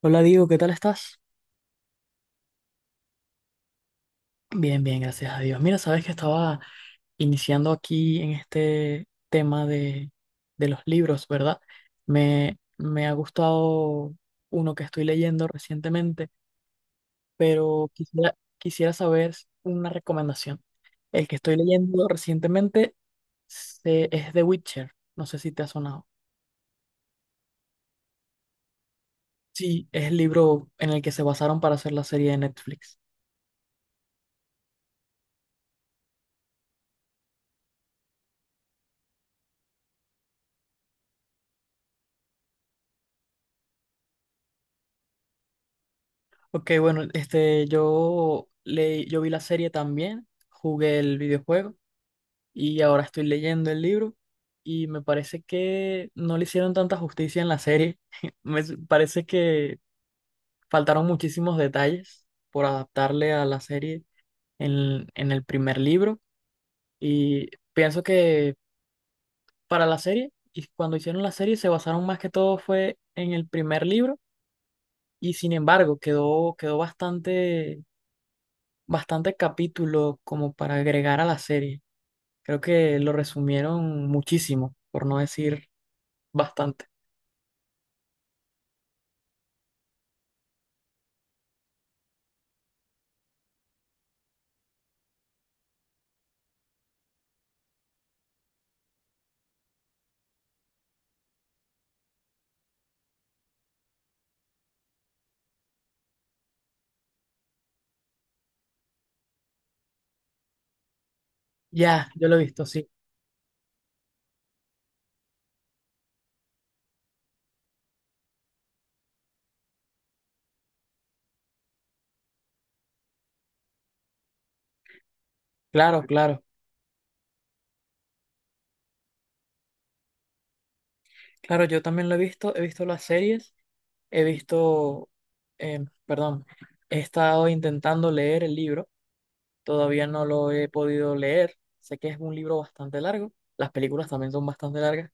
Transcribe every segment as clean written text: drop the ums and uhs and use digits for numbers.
Hola Diego, ¿qué tal estás? Bien, bien, gracias a Dios. Mira, sabes que estaba iniciando aquí en este tema de los libros, ¿verdad? Me ha gustado uno que estoy leyendo recientemente, pero quisiera saber una recomendación. El que estoy leyendo recientemente es The Witcher. No sé si te ha sonado. Sí, es el libro en el que se basaron para hacer la serie de Netflix. Ok, bueno, yo yo vi la serie también, jugué el videojuego y ahora estoy leyendo el libro y me parece que no le hicieron tanta justicia en la serie. Me parece que faltaron muchísimos detalles por adaptarle a la serie en el primer libro y pienso que para la serie y cuando hicieron la serie se basaron más que todo fue en el primer libro y sin embargo quedó bastante bastantes capítulos como para agregar a la serie. Creo que lo resumieron muchísimo, por no decir bastante. Ya, yo lo he visto, sí. Claro, claro. Claro, yo también lo he visto las series, he visto, perdón, he estado intentando leer el libro, todavía no lo he podido leer, sé que es un libro bastante largo, las películas también son bastante largas.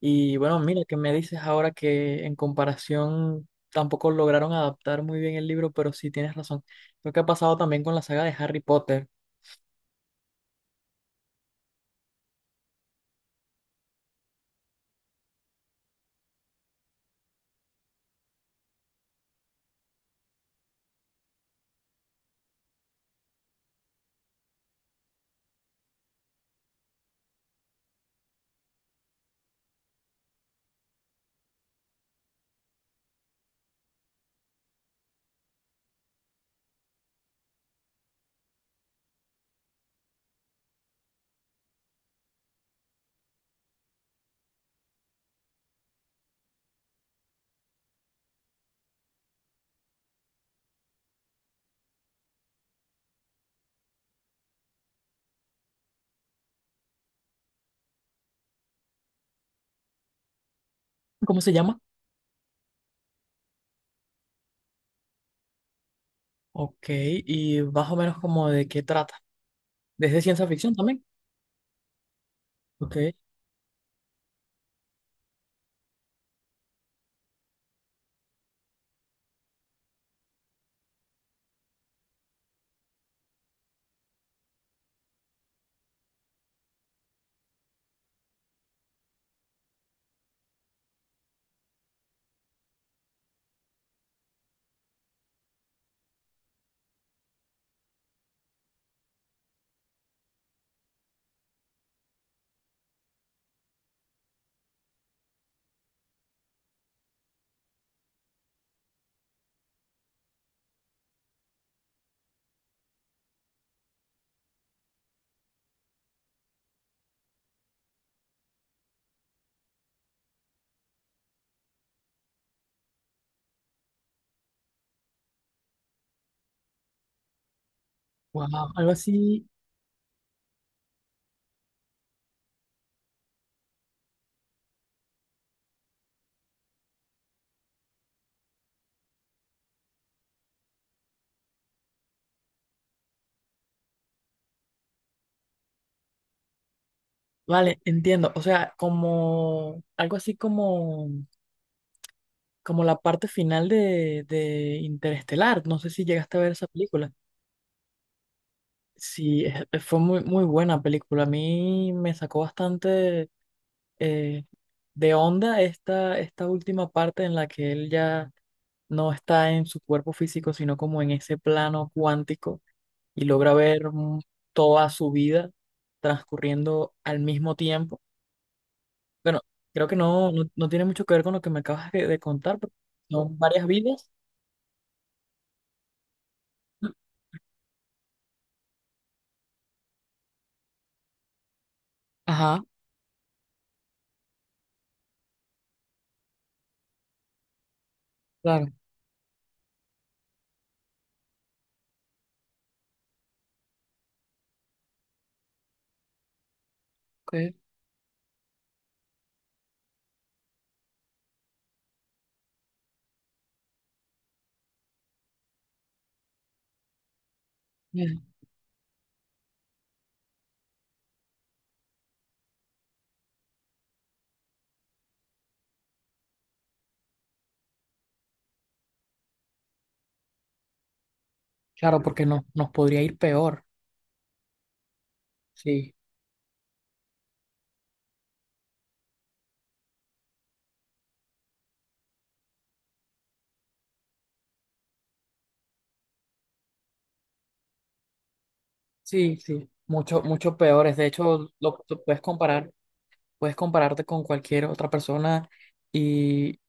Y bueno, mira, que me dices ahora que en comparación tampoco lograron adaptar muy bien el libro, pero sí tienes razón. Lo que ha pasado también con la saga de Harry Potter. ¿Cómo se llama? Ok, y más o menos como de qué trata. ¿Desde ciencia ficción también? Ok, wow, algo así. Vale, entiendo. O sea, como algo así como, como la parte final de Interestelar. No sé si llegaste a ver esa película. Sí, fue muy, muy buena película. A mí me sacó bastante eh, de onda esta, esta última parte en la que él ya no está en su cuerpo físico, sino como en ese plano cuántico y logra ver toda su vida transcurriendo al mismo tiempo. Bueno, creo que no tiene mucho que ver con lo que me acabas de contar, porque son varias vidas. Ajá, claro. Ok, bien. Claro, porque no, nos podría ir peor. Sí, sí, sí. Mucho, mucho peores. De hecho, lo puedes comparar, puedes compararte con cualquier otra persona y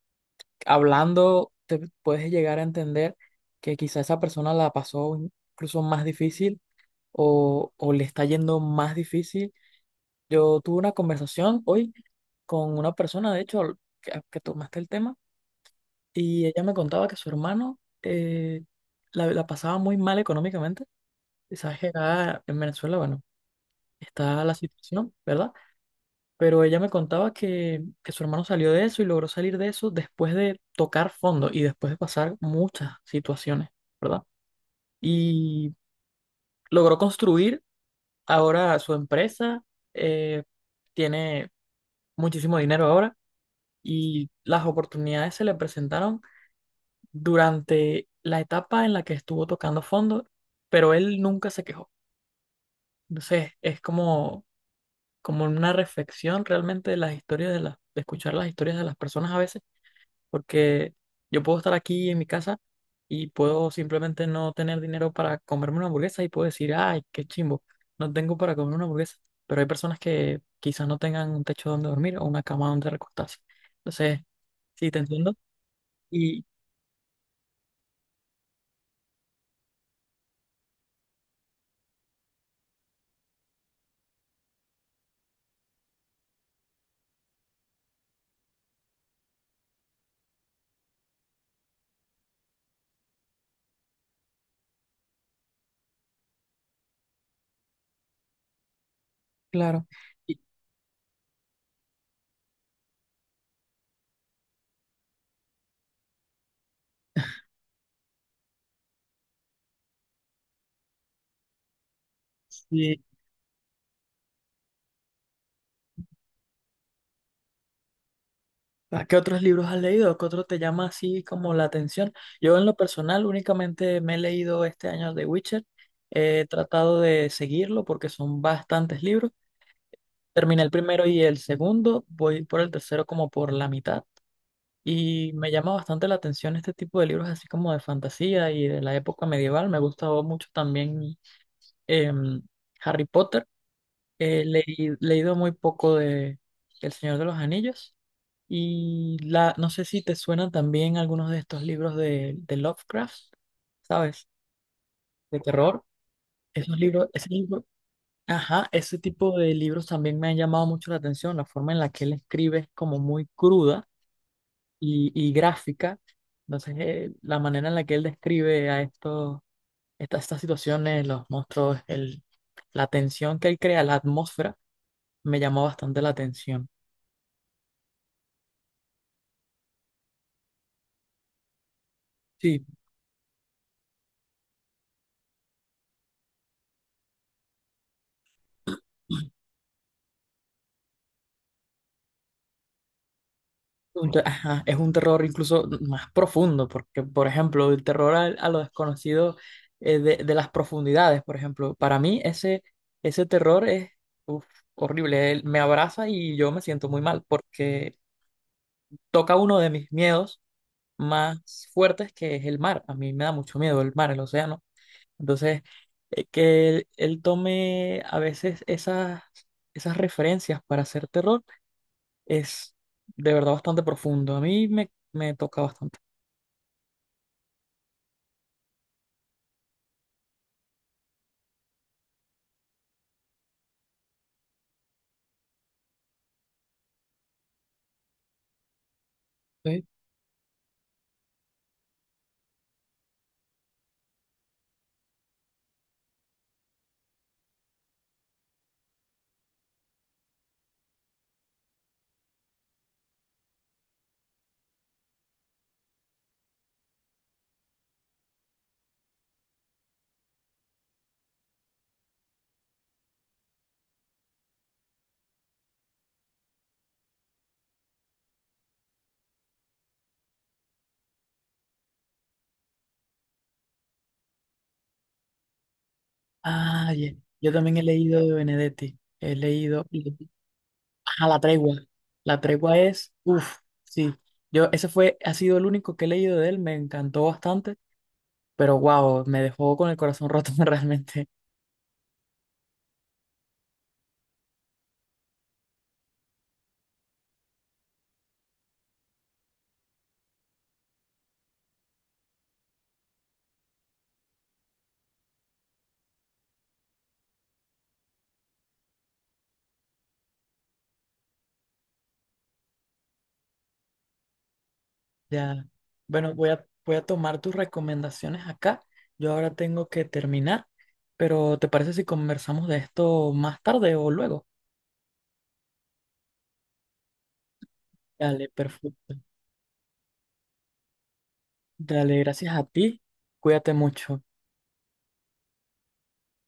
hablando te puedes llegar a entender que quizá esa persona la pasó incluso más difícil o le está yendo más difícil. Yo tuve una conversación hoy con una persona, de hecho, que tomaste el tema, y ella me contaba que su hermano la pasaba muy mal económicamente. Y sabes que acá en Venezuela, bueno, está la situación, ¿verdad? Pero ella me contaba que su hermano salió de eso y logró salir de eso después de tocar fondo y después de pasar muchas situaciones, ¿verdad? Y logró construir ahora su empresa, eh, tiene muchísimo dinero ahora y las oportunidades se le presentaron durante la etapa en la que estuvo tocando fondo, pero él nunca se quejó. Entonces es como, como una reflexión realmente de las historias de de escuchar las historias de las personas a veces porque yo puedo estar aquí en mi casa y puedo simplemente no tener dinero para comerme una hamburguesa y puedo decir, ay, qué chimbo, no tengo para comer una hamburguesa, pero hay personas que quizás no tengan un techo donde dormir o una cama donde recostarse. Entonces, sí, te entiendo. Y claro, y, y, ¿a ¿qué otros libros has leído? ¿Qué otro te llama así como la atención? Yo en lo personal únicamente me he leído este año The Witcher. He tratado de seguirlo porque son bastantes libros. Terminé el primero y el segundo, voy por el tercero como por la mitad y me llama bastante la atención este tipo de libros así como de fantasía y de la época medieval. Me gustaba mucho también em, Harry Potter. He leído muy poco de El Señor de los Anillos y la, no sé si te suenan también algunos de estos libros de Lovecraft, ¿sabes? De terror. Esos libros, ajá, ese tipo de libros también me han llamado mucho la atención, la forma en la que él escribe es como muy cruda y gráfica, entonces la manera en la que él describe a estos, estas situaciones, los monstruos, el, la tensión que él crea, la atmósfera, me llamó bastante la atención. Sí. Ajá, es un terror incluso más profundo, porque, por ejemplo, el terror a lo desconocido de las profundidades, por ejemplo, para mí ese, ese terror es uf, horrible. Él me abraza y yo me siento muy mal, porque toca uno de mis miedos más fuertes, que es el mar. A mí me da mucho miedo el mar, el océano. Entonces, que él tome a veces esas, esas referencias para hacer terror es de verdad bastante profundo. A mí me toca bastante. ¿Sí? Yo también he leído de Benedetti. He leído. Ajá, La Tregua. La Tregua es. Uf, sí. Yo, ese fue, ha sido el único que he leído de él. Me encantó bastante. Pero wow, me dejó con el corazón roto realmente. Ya. Bueno, voy a, voy a tomar tus recomendaciones acá. Yo ahora tengo que terminar. Pero ¿te parece si conversamos de esto más tarde o luego? Dale, perfecto. Dale, gracias a ti. Cuídate mucho.